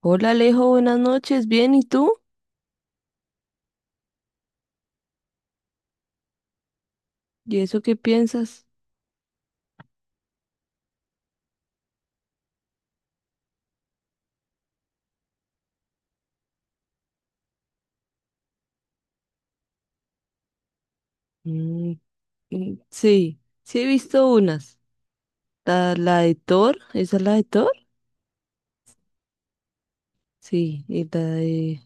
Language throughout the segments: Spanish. Hola Alejo, buenas noches. Bien, ¿y tú? ¿Y eso qué piensas? Mm, sí, sí he visto unas. La de Thor, ¿esa es la de Thor? Sí, y la de...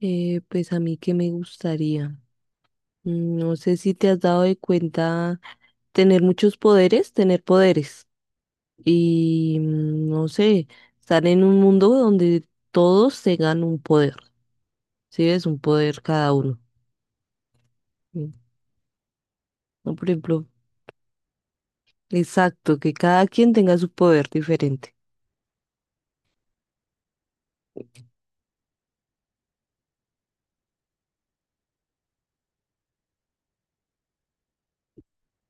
pues a mí que me gustaría. No sé si te has dado de cuenta tener muchos poderes, tener poderes. Y no sé, estar en un mundo donde todos tengan un poder. Sí, es un poder cada uno. Mm, ¿no? Por ejemplo. Exacto, que cada quien tenga su poder diferente.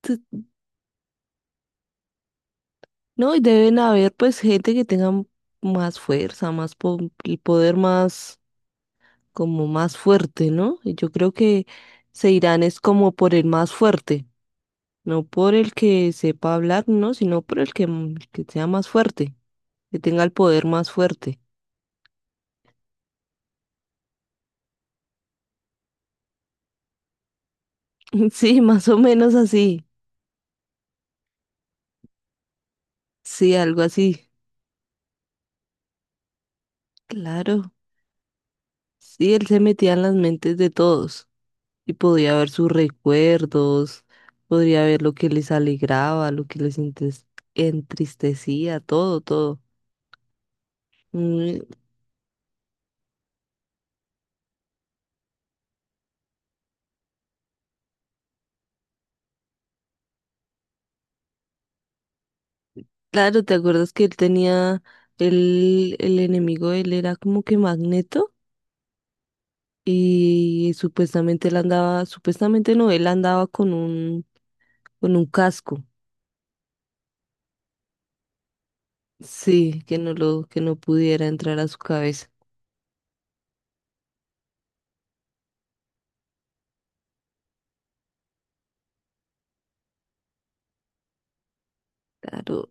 Tu- No, y deben haber pues gente que tenga más fuerza, el poder más como más fuerte, ¿no? Y yo creo que se irán es como por el más fuerte, no por el que sepa hablar, no, sino por el que, el que sea más fuerte, que tenga el poder más fuerte. Sí, más o menos así. Sí, algo así. Claro. Sí, él se metía en las mentes de todos y podía ver sus recuerdos, podría ver lo que les alegraba, lo que les entristecía, todo, todo. Mm, claro, ¿te acuerdas que él tenía, el enemigo, él era como que Magneto y supuestamente él andaba, supuestamente no, él andaba con un casco, sí, que no lo, que no pudiera entrar a su cabeza. Claro,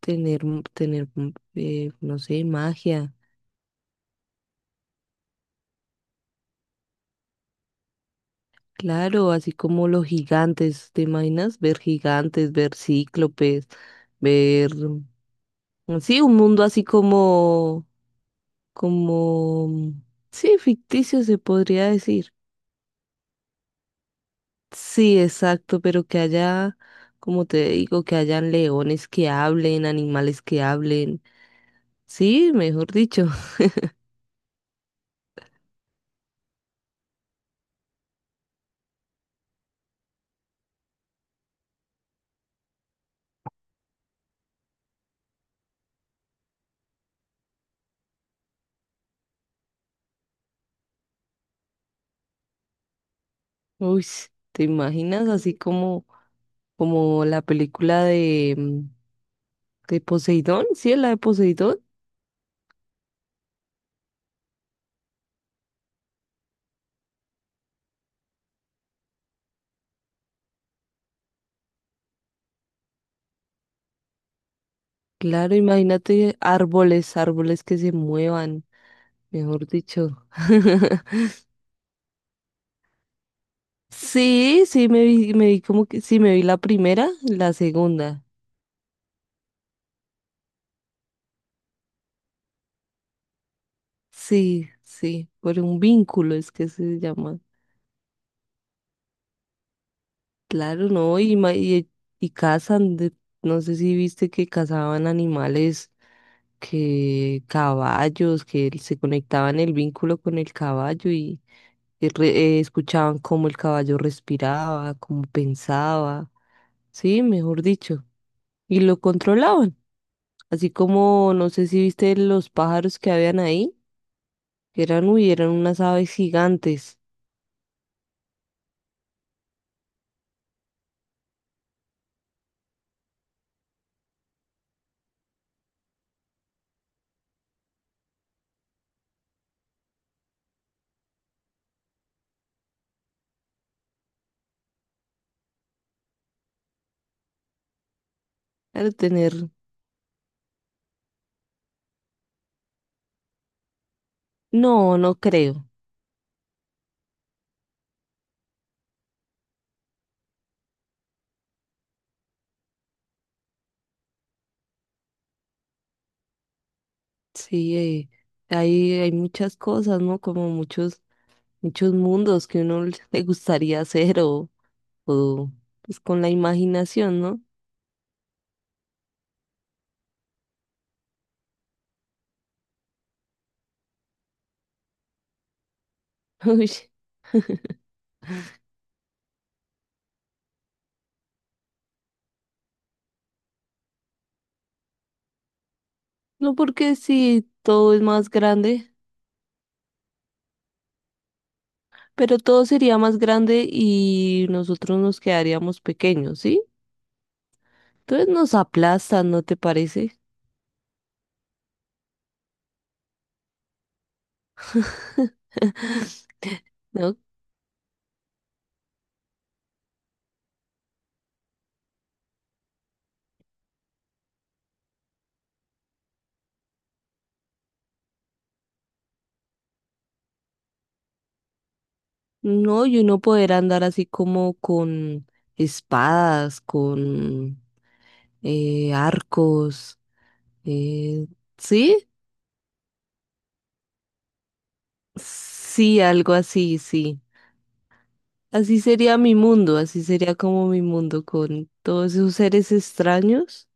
tener, no sé, magia. Claro, así como los gigantes, ¿te imaginas ver gigantes, ver cíclopes, ver, sí, un mundo así como, como, sí, ficticio se podría decir. Sí, exacto, pero que haya, como te digo, que hayan leones que hablen, animales que hablen, sí, mejor dicho. Uy, ¿te imaginas así como, como la película de, de Poseidón? Sí, la de Poseidón. Claro, imagínate árboles, árboles que se muevan, mejor dicho. Sí, sí, me vi como que, sí, me vi la primera, la segunda. Sí, sí, por un vínculo es que se llama. Claro, no, y cazan, no sé si viste que cazaban animales, que caballos, que se conectaban el vínculo con el caballo y, y re- escuchaban cómo el caballo respiraba, cómo pensaba. Sí, mejor dicho. Y lo controlaban. Así como, no sé si viste los pájaros que habían ahí, que eran, uy, eran unas aves gigantes. Al tener... No, no creo. Sí, hay muchas cosas, ¿no? Como muchos, muchos mundos que uno le gustaría hacer o pues con la imaginación, ¿no? Uy. No porque sí, todo es más grande, pero todo sería más grande y nosotros nos quedaríamos pequeños, ¿sí? Entonces nos aplastan, ¿no te parece? No, no, y uno poder andar así como con espadas, con arcos, eh, ¿sí? Sí, algo así, sí. Así sería mi mundo, así sería como mi mundo con todos esos seres extraños.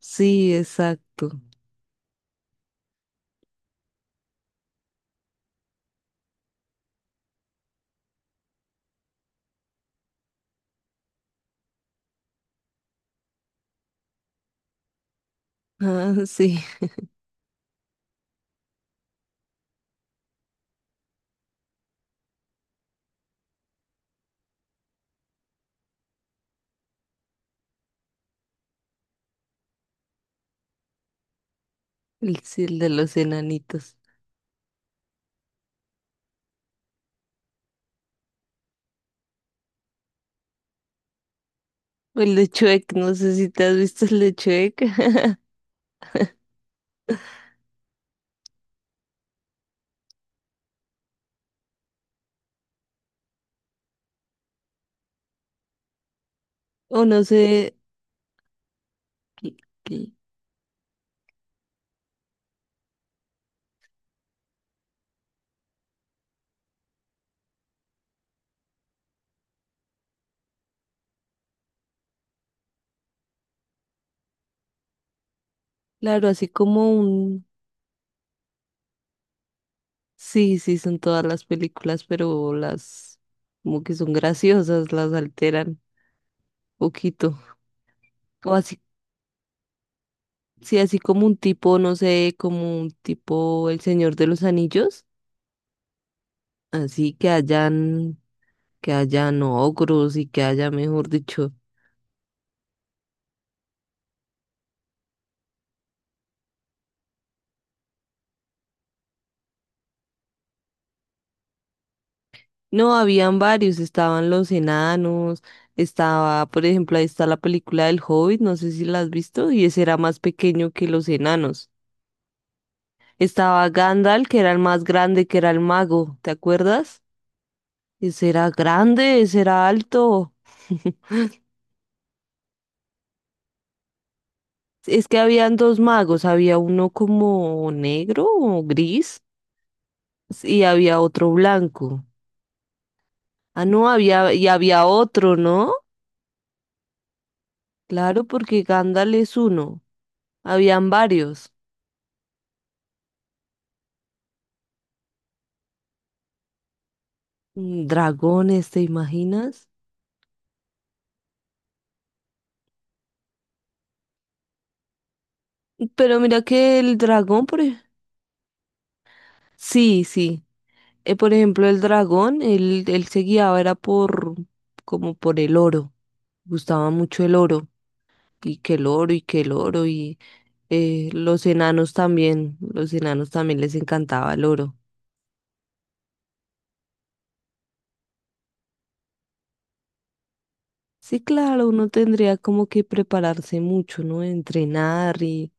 Sí, exacto. Ah, sí, el de los enanitos. O el de Shrek, no sé si te has visto el de Shrek. O no sé, Cl- cl- claro, así como un... Sí, sí, son todas las películas, pero las como que son graciosas, las alteran poquito. O así, sí, así como un tipo, no sé, como un tipo El Señor de los Anillos, así que hayan ogros y que haya, mejor dicho. No, habían varios, estaban los enanos, estaba, por ejemplo, ahí está la película del Hobbit, no sé si la has visto, y ese era más pequeño que los enanos. Estaba Gandalf, que era el más grande, que era el mago, ¿te acuerdas? Ese era grande, ese era alto. Es que habían dos magos, había uno como negro o gris y había otro blanco. Ah, no, había y había otro, ¿no? Claro, porque Gandalf es uno. Habían varios. Mm. Dragones, ¿te imaginas? Pero mira que el dragón. Sí, sí. Por ejemplo, el dragón, él se guiaba, era por, como por el oro, gustaba mucho el oro, y que el oro, y que el oro, y los enanos también les encantaba el oro. Sí, claro, uno tendría como que prepararse mucho, ¿no? Entrenar y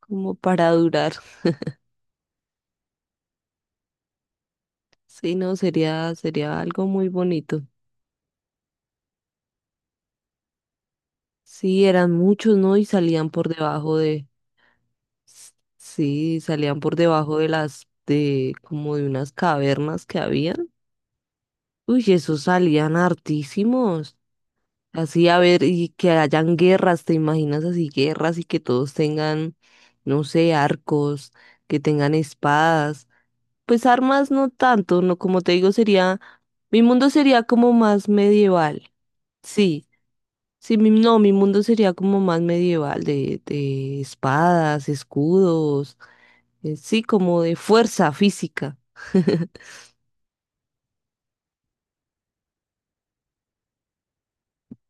como para durar. Sí, no, sería algo muy bonito. Sí, eran muchos, ¿no? Y salían por debajo de. Sí, salían por debajo de las, de como de unas cavernas que habían. Uy, esos salían hartísimos. Así a ver, y que hayan guerras, ¿te imaginas así guerras y que todos tengan, no sé, arcos, que tengan espadas? Pues armas no tanto, no, como te digo, sería, mi mundo sería como más medieval. Sí, sí, mi, no, mi mundo sería como más medieval, de, espadas, escudos sí, como de fuerza física.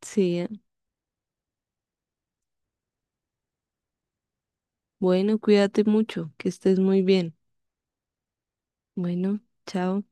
Sí. Bueno, cuídate mucho, que estés muy bien. Bueno, chao.